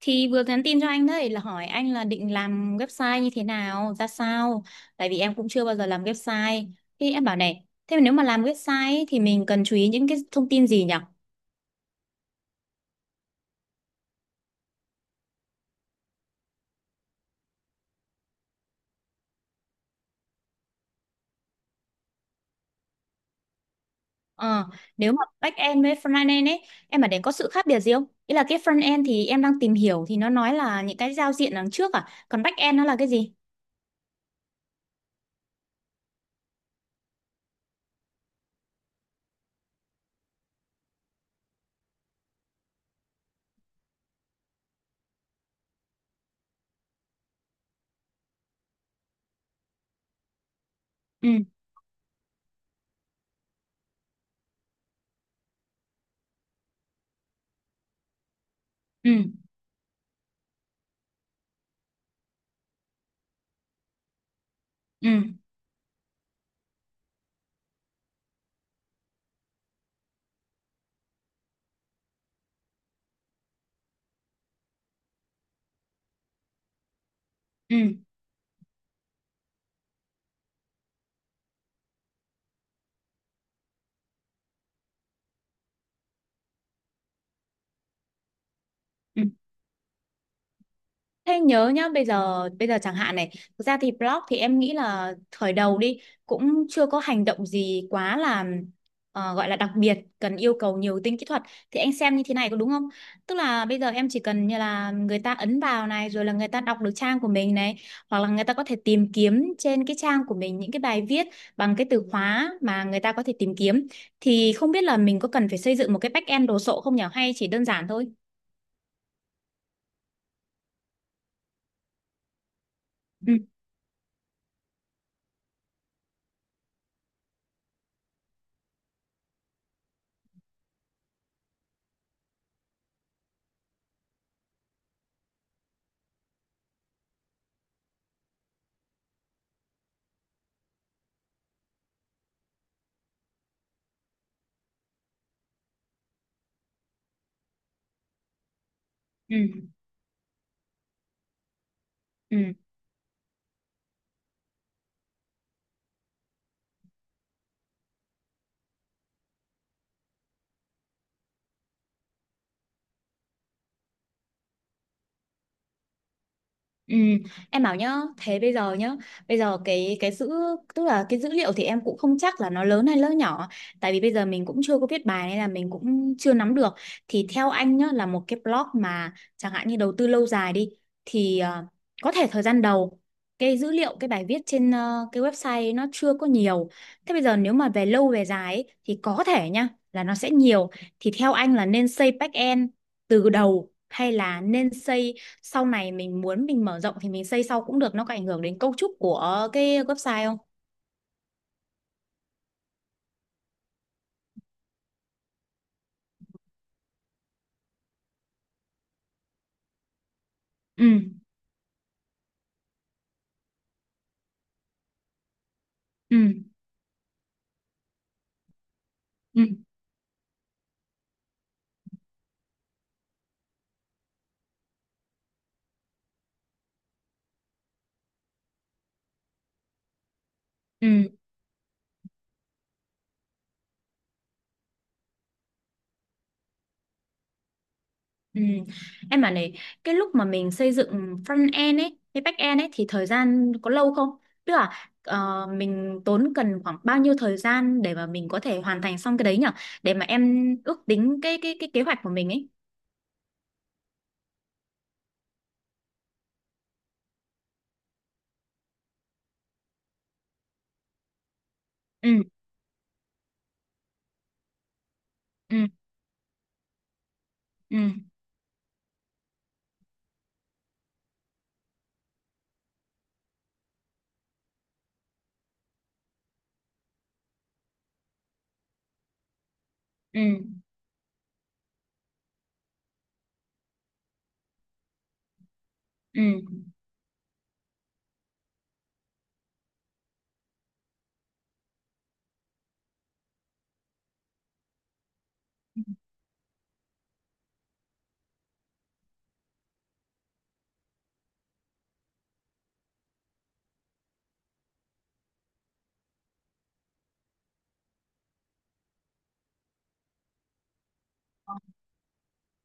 Thì vừa nhắn tin cho anh đấy là hỏi anh là định làm website như thế nào, ra sao. Tại vì em cũng chưa bao giờ làm website. Thì em bảo này, thế mà nếu mà làm website ấy, thì mình cần chú ý những cái thông tin gì nhỉ? Ờ, Nếu mà back end với front end ấy, em bảo đấy có sự khác biệt gì không? Ý là cái front end thì em đang tìm hiểu thì nó nói là những cái giao diện đằng trước à, còn back end nó là cái gì? Ừ, ừ, ừ, ừ, ừ. Thế nhớ nhá, bây giờ chẳng hạn này, thực ra thì blog thì em nghĩ là khởi đầu đi cũng chưa có hành động gì quá là gọi là đặc biệt, cần yêu cầu nhiều tính kỹ thuật thì anh xem như thế này có đúng không? Tức là bây giờ em chỉ cần như là người ta ấn vào này rồi là người ta đọc được trang của mình này, hoặc là người ta có thể tìm kiếm trên cái trang của mình những cái bài viết bằng cái từ khóa mà người ta có thể tìm kiếm thì không biết là mình có cần phải xây dựng một cái back-end đồ sộ không nhỉ hay chỉ đơn giản thôi? Ừ ừ. Ừ. Ừ, em bảo nhá, thế bây giờ nhá, bây giờ cái dữ tức là cái dữ liệu thì em cũng không chắc là nó lớn hay nó nhỏ, tại vì bây giờ mình cũng chưa có viết bài nên là mình cũng chưa nắm được. Thì theo anh nhá là một cái blog mà chẳng hạn như đầu tư lâu dài đi thì có thể thời gian đầu cái dữ liệu cái bài viết trên cái website nó chưa có nhiều. Thế bây giờ nếu mà về lâu về dài ấy, thì có thể nhá là nó sẽ nhiều. Thì theo anh là nên xây back end từ đầu hay là nên xây sau này mình muốn mình mở rộng thì mình xây sau cũng được, nó có ảnh hưởng đến cấu trúc của cái website không? Ừ, ừ, ừ, ừ, ừ. Em bảo này, cái lúc mà mình xây dựng front end ấy với back end ấy thì thời gian có lâu không, tức là mình tốn cần khoảng bao nhiêu thời gian để mà mình có thể hoàn thành xong cái đấy nhở, để mà em ước tính cái kế hoạch của mình ấy. Ừ, ừ, ừ, ừ, ừ.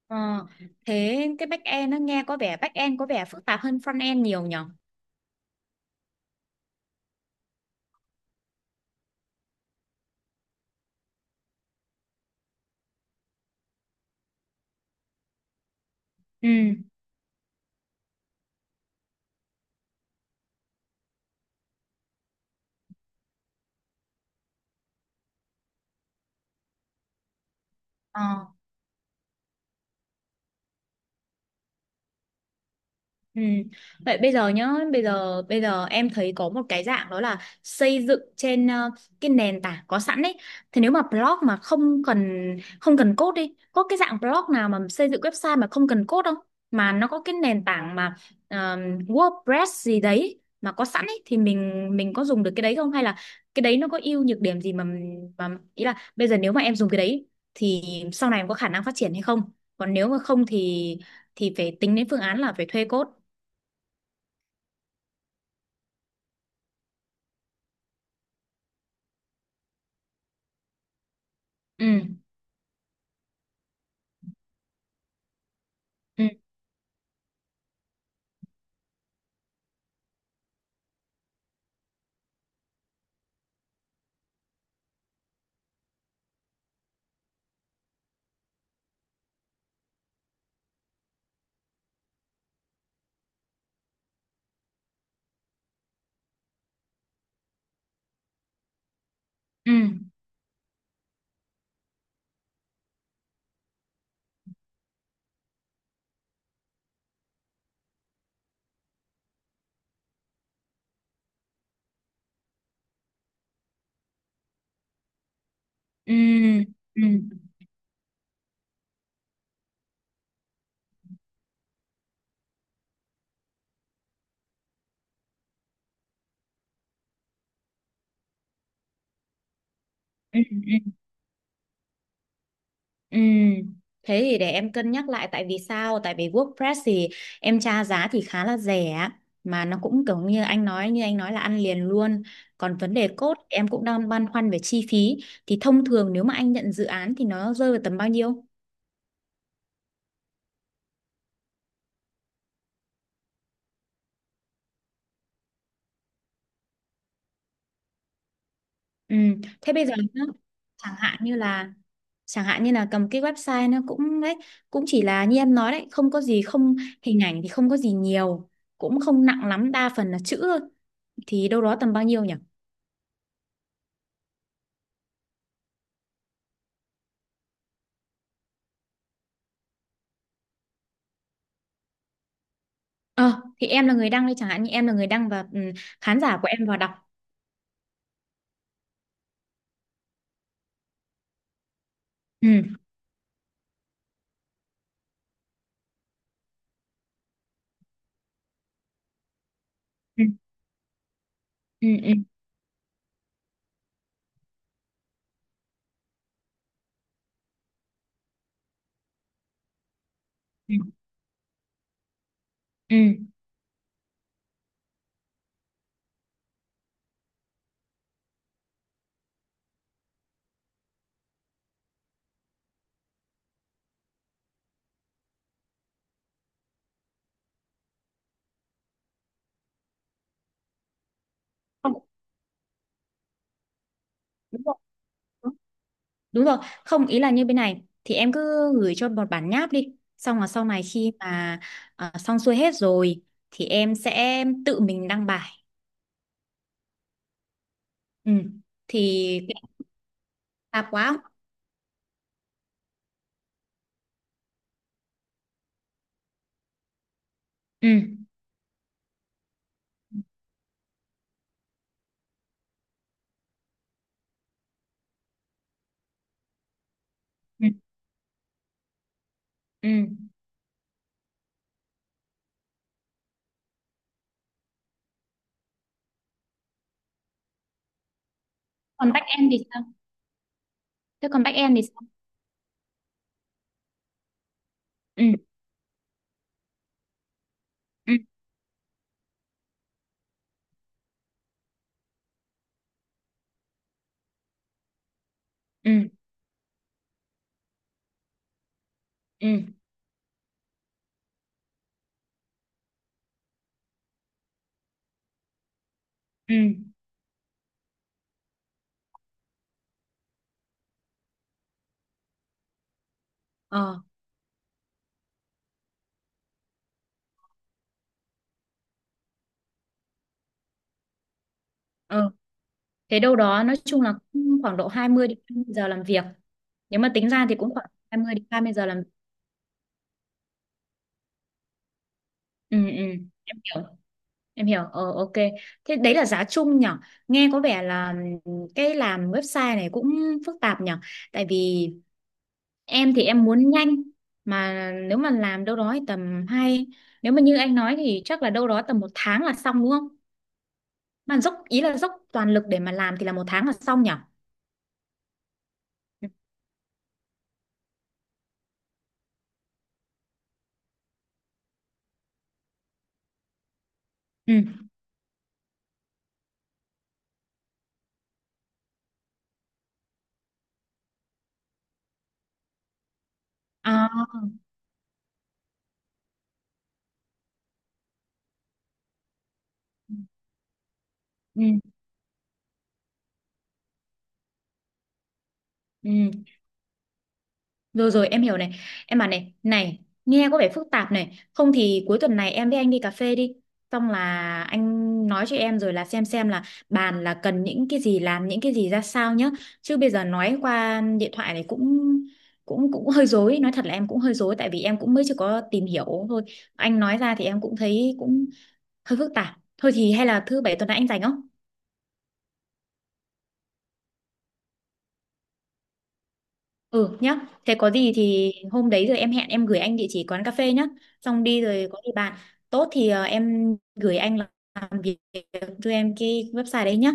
Ờ, thế cái back end nó nghe có vẻ back end có vẻ phức tạp hơn front end nhiều nhỉ? Ừ. Ờ. Ừ. Vậy bây giờ nhá, bây giờ em thấy có một cái dạng đó là xây dựng trên cái nền tảng có sẵn ấy. Thì nếu mà blog mà không cần không cần code đi, có cái dạng blog nào mà xây dựng website mà không cần code không? Mà nó có cái nền tảng mà ờ, WordPress gì đấy mà có sẵn ấy thì mình có dùng được cái đấy không hay là cái đấy nó có ưu nhược điểm gì mà ý là bây giờ nếu mà em dùng cái đấy thì sau này em có khả năng phát triển hay không? Còn nếu mà không thì thì phải tính đến phương án là phải thuê code. Ừ, ừ, ừ, ừ, ừ, ừ, ừ, ừ. Thế thì để em cân nhắc lại tại vì sao? Tại vì WordPress thì em tra giá thì khá là rẻ, mà nó cũng kiểu như anh nói, như anh nói là ăn liền luôn. Còn vấn đề code em cũng đang băn khoăn về chi phí, thì thông thường nếu mà anh nhận dự án thì nó rơi vào tầm bao nhiêu? Ừ. Thế bây giờ nhá, chẳng hạn như là cầm cái website nó cũng đấy, cũng chỉ là như em nói đấy, không có gì, không hình ảnh thì không có gì nhiều, cũng không nặng lắm, đa phần là chữ thôi, thì đâu đó tầm bao nhiêu nhỉ? Ờ thì em là người đăng đi, chẳng hạn như em là người đăng và ừ, khán giả của em vào đọc. Ừ, ừ, ừ, ừ, ừ, ừ. Không, đúng rồi, đúng, đúng rồi, không ý là như bên này thì em cứ gửi cho một bản nháp đi, xong là sau này khi mà xong xuôi hết rồi thì em sẽ tự mình đăng bài. Ừ thì tạp quá không? Ừ, ừ, ừ, còn back end thì sao, thế còn back end thì sao? Ừ, ừ, ừ, ừ, ừ, ờ, ờ, thế đâu đó nói chung là cũng khoảng độ 20 đến 30 giờ làm việc, nếu mà tính ra thì cũng khoảng 20 đến 30 giờ làm. Ừ, ừ, em hiểu, em hiểu. Ờ, ok, thế đấy là giá chung nhở, nghe có vẻ là cái làm website này cũng phức tạp nhở, tại vì em thì em muốn nhanh, mà nếu mà làm đâu đó thì tầm hai, nếu mà như anh nói thì chắc là đâu đó tầm một tháng là xong đúng không, mà dốc ý là dốc toàn lực để mà làm thì là một tháng là xong nhỉ? Ừ, à, ừ, ừ, rồi rồi em hiểu này, em bảo này, này nghe có vẻ phức tạp này, không thì cuối tuần này em với anh đi cà phê đi, xong là anh nói cho em rồi là xem là bàn là cần những cái gì, làm những cái gì ra sao nhá, chứ bây giờ nói qua điện thoại này cũng cũng cũng hơi rối, nói thật là em cũng hơi rối, tại vì em cũng mới chưa có tìm hiểu thôi, anh nói ra thì em cũng thấy cũng hơi phức tạp thôi, thì hay là thứ bảy tuần này anh rảnh không? Ừ nhá, thế có gì thì hôm đấy rồi em hẹn, em gửi anh địa chỉ quán cà phê nhá. Xong đi rồi có gì bạn. Tốt thì em gửi anh làm việc cho em cái website đấy nhá.